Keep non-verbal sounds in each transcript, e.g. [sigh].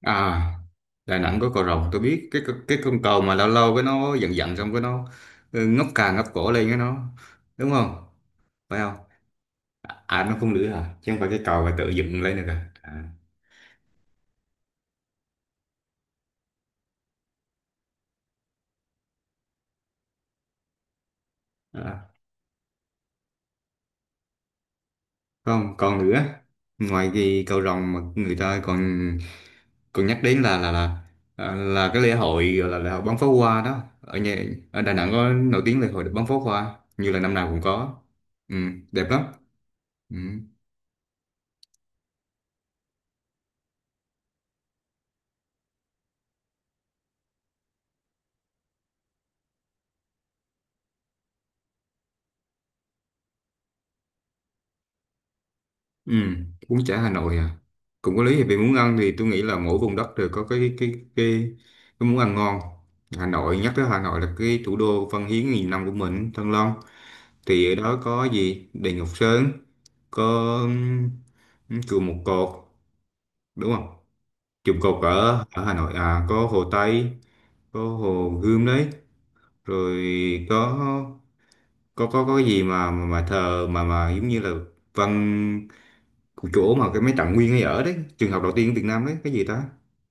À, Đà Nẵng có cầu rồng tôi biết cái con cầu mà lâu lâu cái nó giận giận xong cái nó ngóc cổ lên cái nó đúng không? Phải không? Nó không nữa à, chứ không phải cái cầu mà tự dựng lên được. À. Không còn nữa, ngoài cái cầu rồng mà người ta còn còn nhắc đến là cái lễ hội, gọi là lễ hội bắn pháo hoa đó, ở Đà Nẵng có nổi tiếng lễ hội bắn pháo hoa, như là năm nào cũng có. Ừ, đẹp lắm. Ừ. Ừ, bún chả Hà Nội à. Cũng có lý, vì muốn ăn thì tôi nghĩ là mỗi vùng đất đều có cái cái muốn ăn ngon. Hà Nội, nhắc tới Hà Nội là cái thủ đô văn hiến nghìn năm của mình, Thăng Long. Thì ở đó có gì? Đền Ngọc Sơn, có chùa Một Cột, đúng không? Chùa Một Cột ở ở Hà Nội à, có Hồ Tây, có Hồ Gươm đấy, rồi có có cái gì mà mà thờ, mà giống như là văn cái chỗ mà cái mấy Trạng Nguyên ấy ở đấy, trường học đầu tiên ở Việt Nam đấy, cái gì ta,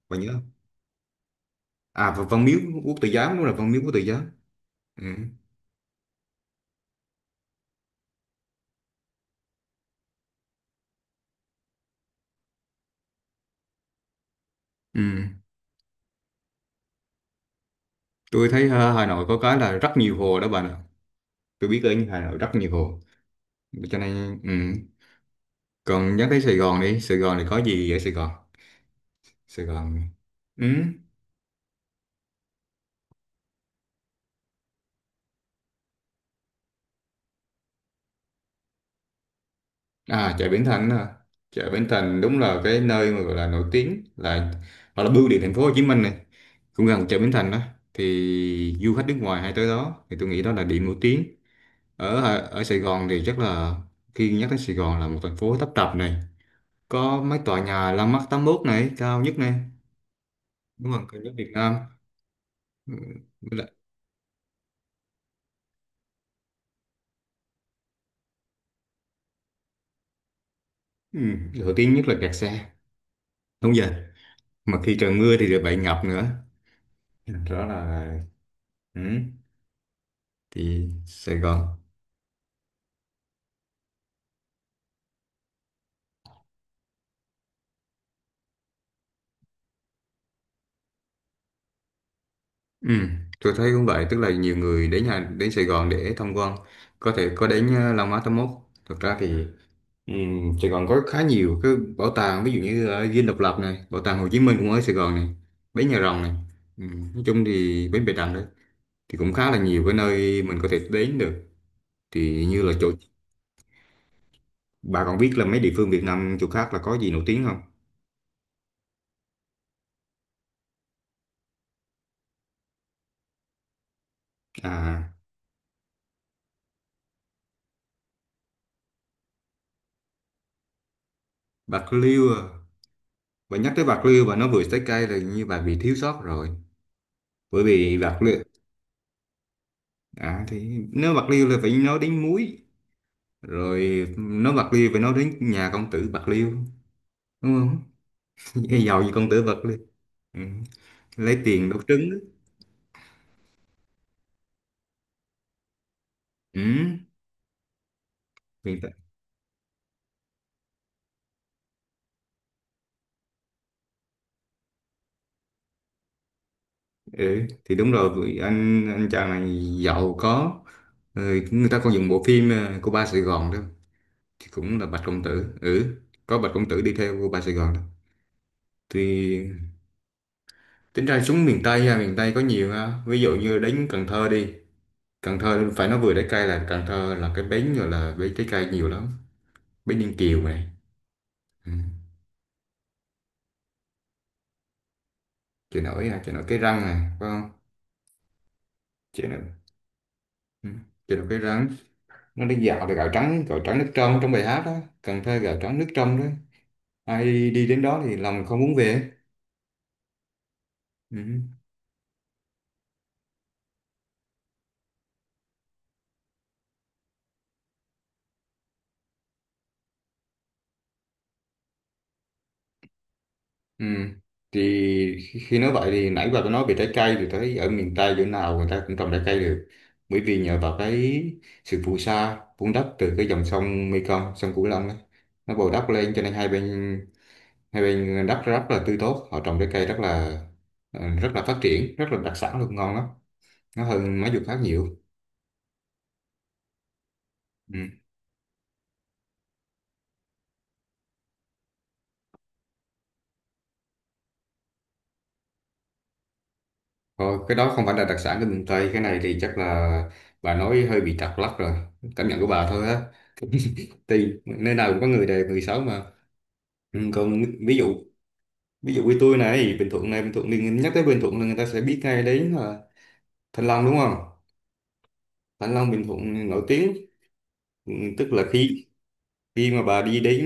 bạn nhớ không? À, và Văn Miếu Quốc Tử Giám, đúng là Văn Miếu Quốc Tử Giám. Ừ. Ừ. Tôi thấy Hà Nội có cái là rất nhiều hồ đó bạn ạ, tôi biết ở Hà Nội rất nhiều hồ cho nên ừ. Còn nhắc tới Sài Gòn, đi Sài Gòn thì có gì vậy Sài Gòn? Sài Gòn. Ừ. À, chợ Bến Thành à. Chợ Bến Thành đúng là cái nơi mà gọi là nổi tiếng, là hoặc là bưu điện thành phố Hồ Chí Minh này cũng gần chợ Bến Thành đó, thì du khách nước ngoài hay tới đó thì tôi nghĩ đó là điểm nổi tiếng ở ở Sài Gòn thì chắc là. Khi nhắc đến Sài Gòn là một thành phố tấp nập này, có mấy tòa nhà Landmark 81 này, cao nhất này, đúng không, cao nhất Việt Nam. Ừ, với lại- ừ, nổi tiếng nhất là kẹt xe đúng giờ, mà khi trời mưa thì lại bị ngập nữa, đó là ừ, thì Sài Gòn. Ừ, tôi thấy cũng vậy, tức là nhiều người đến Sài Gòn để tham quan, có thể có đến Landmark 81, thực ra thì. Ừ, Sài Gòn có khá nhiều cái bảo tàng, ví dụ như ở Dinh Độc Lập này, bảo tàng Hồ Chí Minh cũng ở Sài Gòn này, bến Nhà Rồng này, ừ, nói chung thì bến Bạch Đằng đấy, thì cũng khá là nhiều cái nơi mình có thể đến được. Thì như là chỗ bà còn biết là mấy địa phương Việt Nam chỗ khác là có gì nổi tiếng không? À, Bạc Liêu à. Bà nhắc tới Bạc Liêu, bà nói vừa trái cây là như bà bị thiếu sót rồi, bởi vì Bạc Liêu. À, thì nếu Bạc Liêu là phải nói đến muối, rồi nói Bạc Liêu phải nói đến nhà công tử Bạc Liêu, đúng không? [laughs] Giàu gì công tử Bạc Liêu. Ừ. Lấy tiền đốt trứng á. Ừ. Hiện tại, ừ. Thì đúng rồi, vì anh chàng này giàu có. Ừ. Người ta còn dùng bộ phim cô ba Sài Gòn đó, thì cũng là Bạch Công Tử. Ừ. Có Bạch Công Tử đi theo cô ba Sài Gòn đó, thì tính ra xuống miền Tây ha, miền Tây có nhiều ha. Ví dụ như đến Cần Thơ đi, Cần Thơ phải nói vừa trái cây, là Cần Thơ là cái bến, rồi là bến trái cây nhiều lắm, bến Ninh Kiều này. Ừ. Chợ nổi à, chợ nổi Cái Răng này phải không? Chợ nổi. Ừ. Chợ nổi Cái Răng, nó đi dạo được, gạo trắng, gạo trắng nước trong, trong bài hát đó. Cần Thơ gạo trắng nước trong đó, ai đi đến đó thì lòng không muốn về. Ừ. Ừ. Thì khi khi nói vậy thì nãy bà có nói về trái cây, thì thấy ở miền Tây chỗ nào người ta cũng trồng trái cây được, bởi vì nhờ vào cái sự phù sa vun đắp từ cái dòng sông Mekong, sông Cửu Long ấy, nó bồi đắp lên, cho nên hai bên, hai bên đất rất là tươi tốt, họ trồng trái cây rất là rất là phát triển, rất là đặc sản luôn, ngon lắm, nó hơn mấy vùng khác nhiều. Ừ. Thôi, cái đó không phải là đặc sản của miền Tây, cái này thì chắc là bà nói hơi bị trật lắc rồi, cảm nhận của bà thôi á. [laughs] Thì nơi nào cũng có người đẹp người xấu mà. Ừ, còn ví dụ như tôi này, Bình Thuận này, Bình Thuận thì nhắc tới Bình Thuận là người ta sẽ biết ngay đến là Thanh Long, đúng không? Thanh Long Bình Thuận nổi tiếng. Ừ, tức là khi khi mà bà đi đến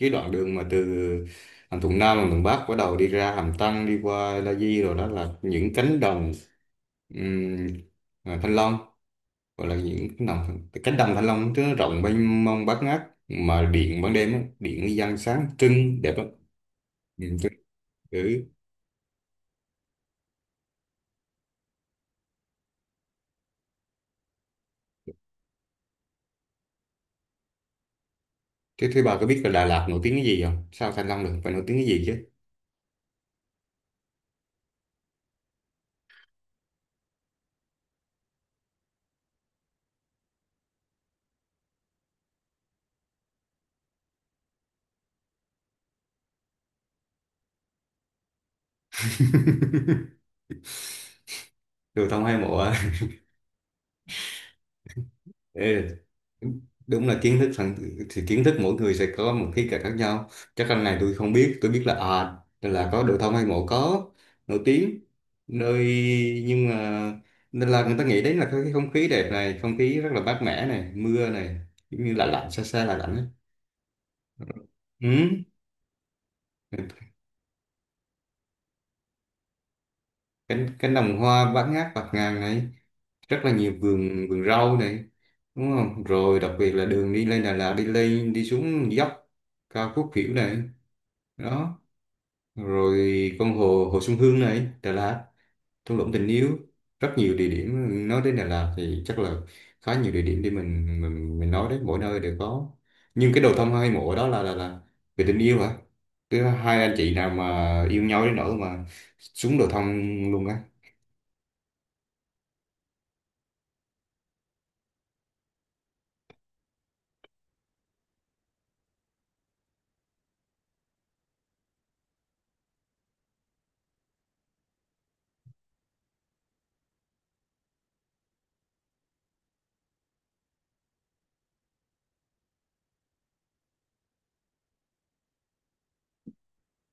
cái đoạn đường mà từ Hàm Thuận Nam, Hàm Thuận Bắc, bắt đầu đi ra Hàm Tân, đi qua La Di rồi, đó là những cánh đồng ừm, Thanh Long, gọi là những cái đồng cánh đồng Thanh Long, nó rộng mênh mông bát ngát. Mà điện ban đêm á, điện đi dân sáng trưng đẹp lắm, nhìn trưng. Ừ. thế thế bà có biết là Đà Lạt nổi tiếng cái gì không? Sao Thanh Long được, phải nổi tiếng cái gì chứ. [laughs] Tôi không hay mộ. Ừ. Đúng là kiến thức, phần thì kiến thức mỗi người sẽ có một khía cạnh khác nhau. Chắc anh này tôi không biết, tôi biết là là có đồ thông hay mộ có nổi tiếng nơi, nhưng mà nên là người ta nghĩ đến là cái không khí đẹp này, không khí rất là mát mẻ này, mưa này, giống như là lạnh, xa xa là lạnh ấy. Ừ. Cánh cánh đồng hoa bát ngát bạt ngàn này, rất là nhiều vườn vườn rau này, đúng không? Rồi đặc biệt là đường đi lên Đà Lạt đi lên đi xuống dốc cao khúc kiểu này. Đó rồi con hồ, hồ Xuân Hương này, Đà Lạt, thung lũng tình yêu, rất nhiều địa điểm. Nói đến Đà Lạt thì chắc là khá nhiều địa điểm để mình mình nói đấy, mỗi nơi đều có. Nhưng cái đầu tâm hai mộ đó là về tình yêu hả? Cái hai anh chị nào mà yêu nhau đến nỗi mà xuống đầu thăm luôn á.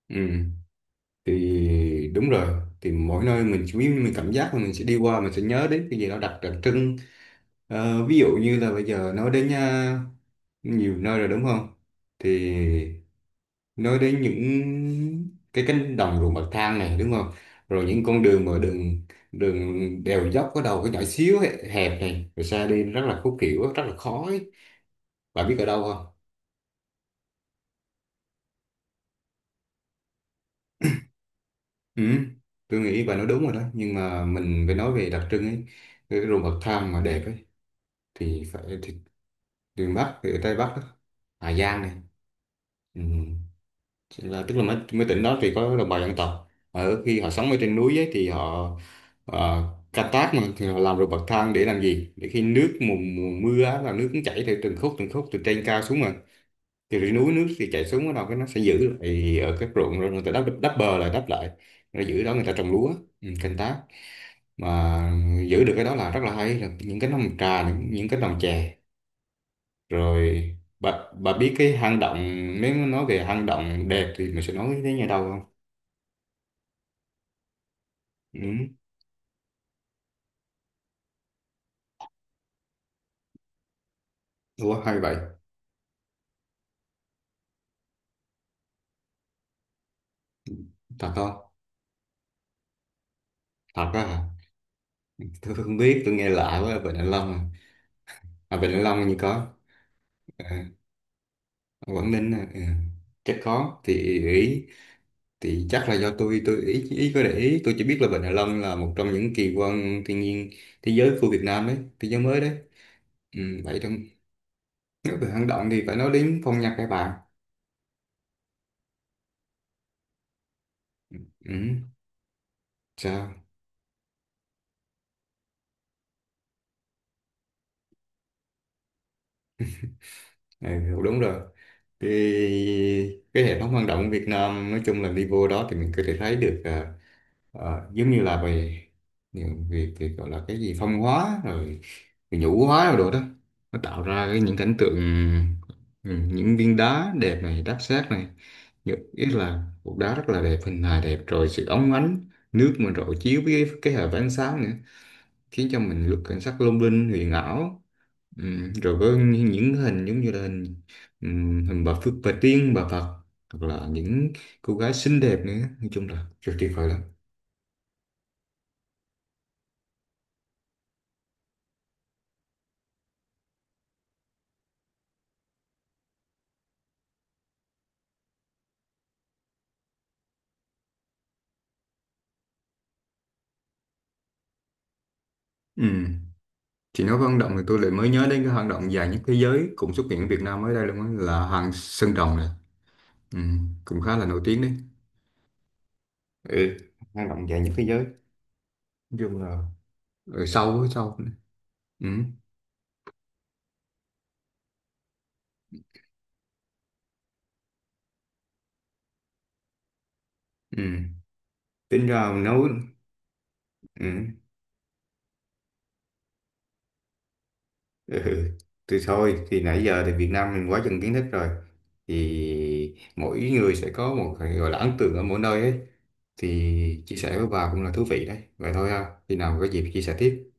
Ừ thì đúng rồi, thì mỗi nơi mình nếu như mình cảm giác là mình sẽ đi qua, mình sẽ nhớ đến cái gì đó đặc đặc trưng. Ví dụ như là bây giờ nói đến nhiều nơi rồi, đúng không? Thì nói đến những cái cánh đồng ruộng bậc thang này, đúng không? Rồi những con đường mà đường đường đèo dốc có đầu có nhỏ xíu hẹp này, rồi xa đi rất là khúc khuỷu, rất là khó ấy. Bạn biết ở đâu không? Ừ, tôi nghĩ bà nói đúng rồi đó, nhưng mà mình phải nói về đặc trưng ấy, cái ruộng bậc thang mà đẹp ấy thì phải, thì miền Bắc thì ở Tây Bắc đó. Hà Giang này. Ừ. Chỉ là tức là mấy tỉnh đó thì có đồng bào dân tộc ở, khi họ sống ở trên núi ấy thì họ ờ, canh tác, mà thì họ làm ruộng bậc thang để làm gì, để khi mùa mưa á, là nước cũng chảy theo từng khúc, từng khúc từ trên cao xuống, mà thì dưới núi nước thì chảy xuống, bắt đầu cái nó sẽ giữ lại ở các ruộng, rồi người ta đắp đắp bờ lại, đắp lại, rồi giữ đó người ta trồng lúa. Ừ, canh tác. Mà giữ được cái đó là rất là hay, là những cái nồng trà, những cái nồng chè. Rồi bà biết cái hang động, nếu nói về hang động đẹp thì mình sẽ nói đến nhà đâu không? Ừ. Ủa hay vậy, thật không? Thật á hả? Tôi không biết, tôi nghe lạ quá. Vịnh Hạ Long à. À, Vịnh Hạ Long như có. À, Quảng Ninh à. Ừ. Chắc có thì. Ý thì chắc là do tôi ý ý có để ý, tôi chỉ biết là Vịnh Hạ Long là một trong những kỳ quan thiên nhiên thế giới của Việt Nam đấy, thế giới mới đấy. Ừ, vậy thôi. Nếu về hang động thì phải nói đến phong nhạc các bạn. Ừ, sao? Ừ, đúng rồi. Cái, cái hệ thống hang động của Việt Nam nói chung là đi vô đó thì mình có thể thấy được giống như là về những việc thì gọi là cái gì phong hóa rồi, rồi nhũ hóa rồi đồ đó. Nó tạo ra cái những cảnh tượng ừ, những viên đá đẹp này, đáp xác này. Nhất ý là cục đá rất là đẹp, hình hài đẹp, rồi sự óng ánh nước mà rọi chiếu với cái hệ ánh sáng nữa, khiến cho mình rất cảnh sắc lung linh huyền ảo. Rồi có những hình giống như là hình hình bà Phước bà Tiên bà Phật, hoặc là những cô gái xinh đẹp nữa, nói chung là rất tuyệt vời lắm. Ừm, Thì nói về hang động thì tôi lại mới nhớ đến cái hoạt động dài nhất thế giới cũng xuất hiện ở Việt Nam mới đây luôn á, là hàng Sơn Đồng này, cũng khá là nổi tiếng đấy. Ừ, hang động dài nhất thế giới, nói chung là ở sâu, ở sâu nữa. Ừm. Ừm. Tính ra nấu. Ừ. Ừ. Ừ. Thì thôi thì nãy giờ thì Việt Nam mình quá chừng kiến thức rồi, thì mỗi người sẽ có một cái gọi là ấn tượng ở mỗi nơi ấy, thì chia sẻ với bà cũng là thú vị đấy, vậy thôi ha, khi nào có dịp chia sẻ tiếp.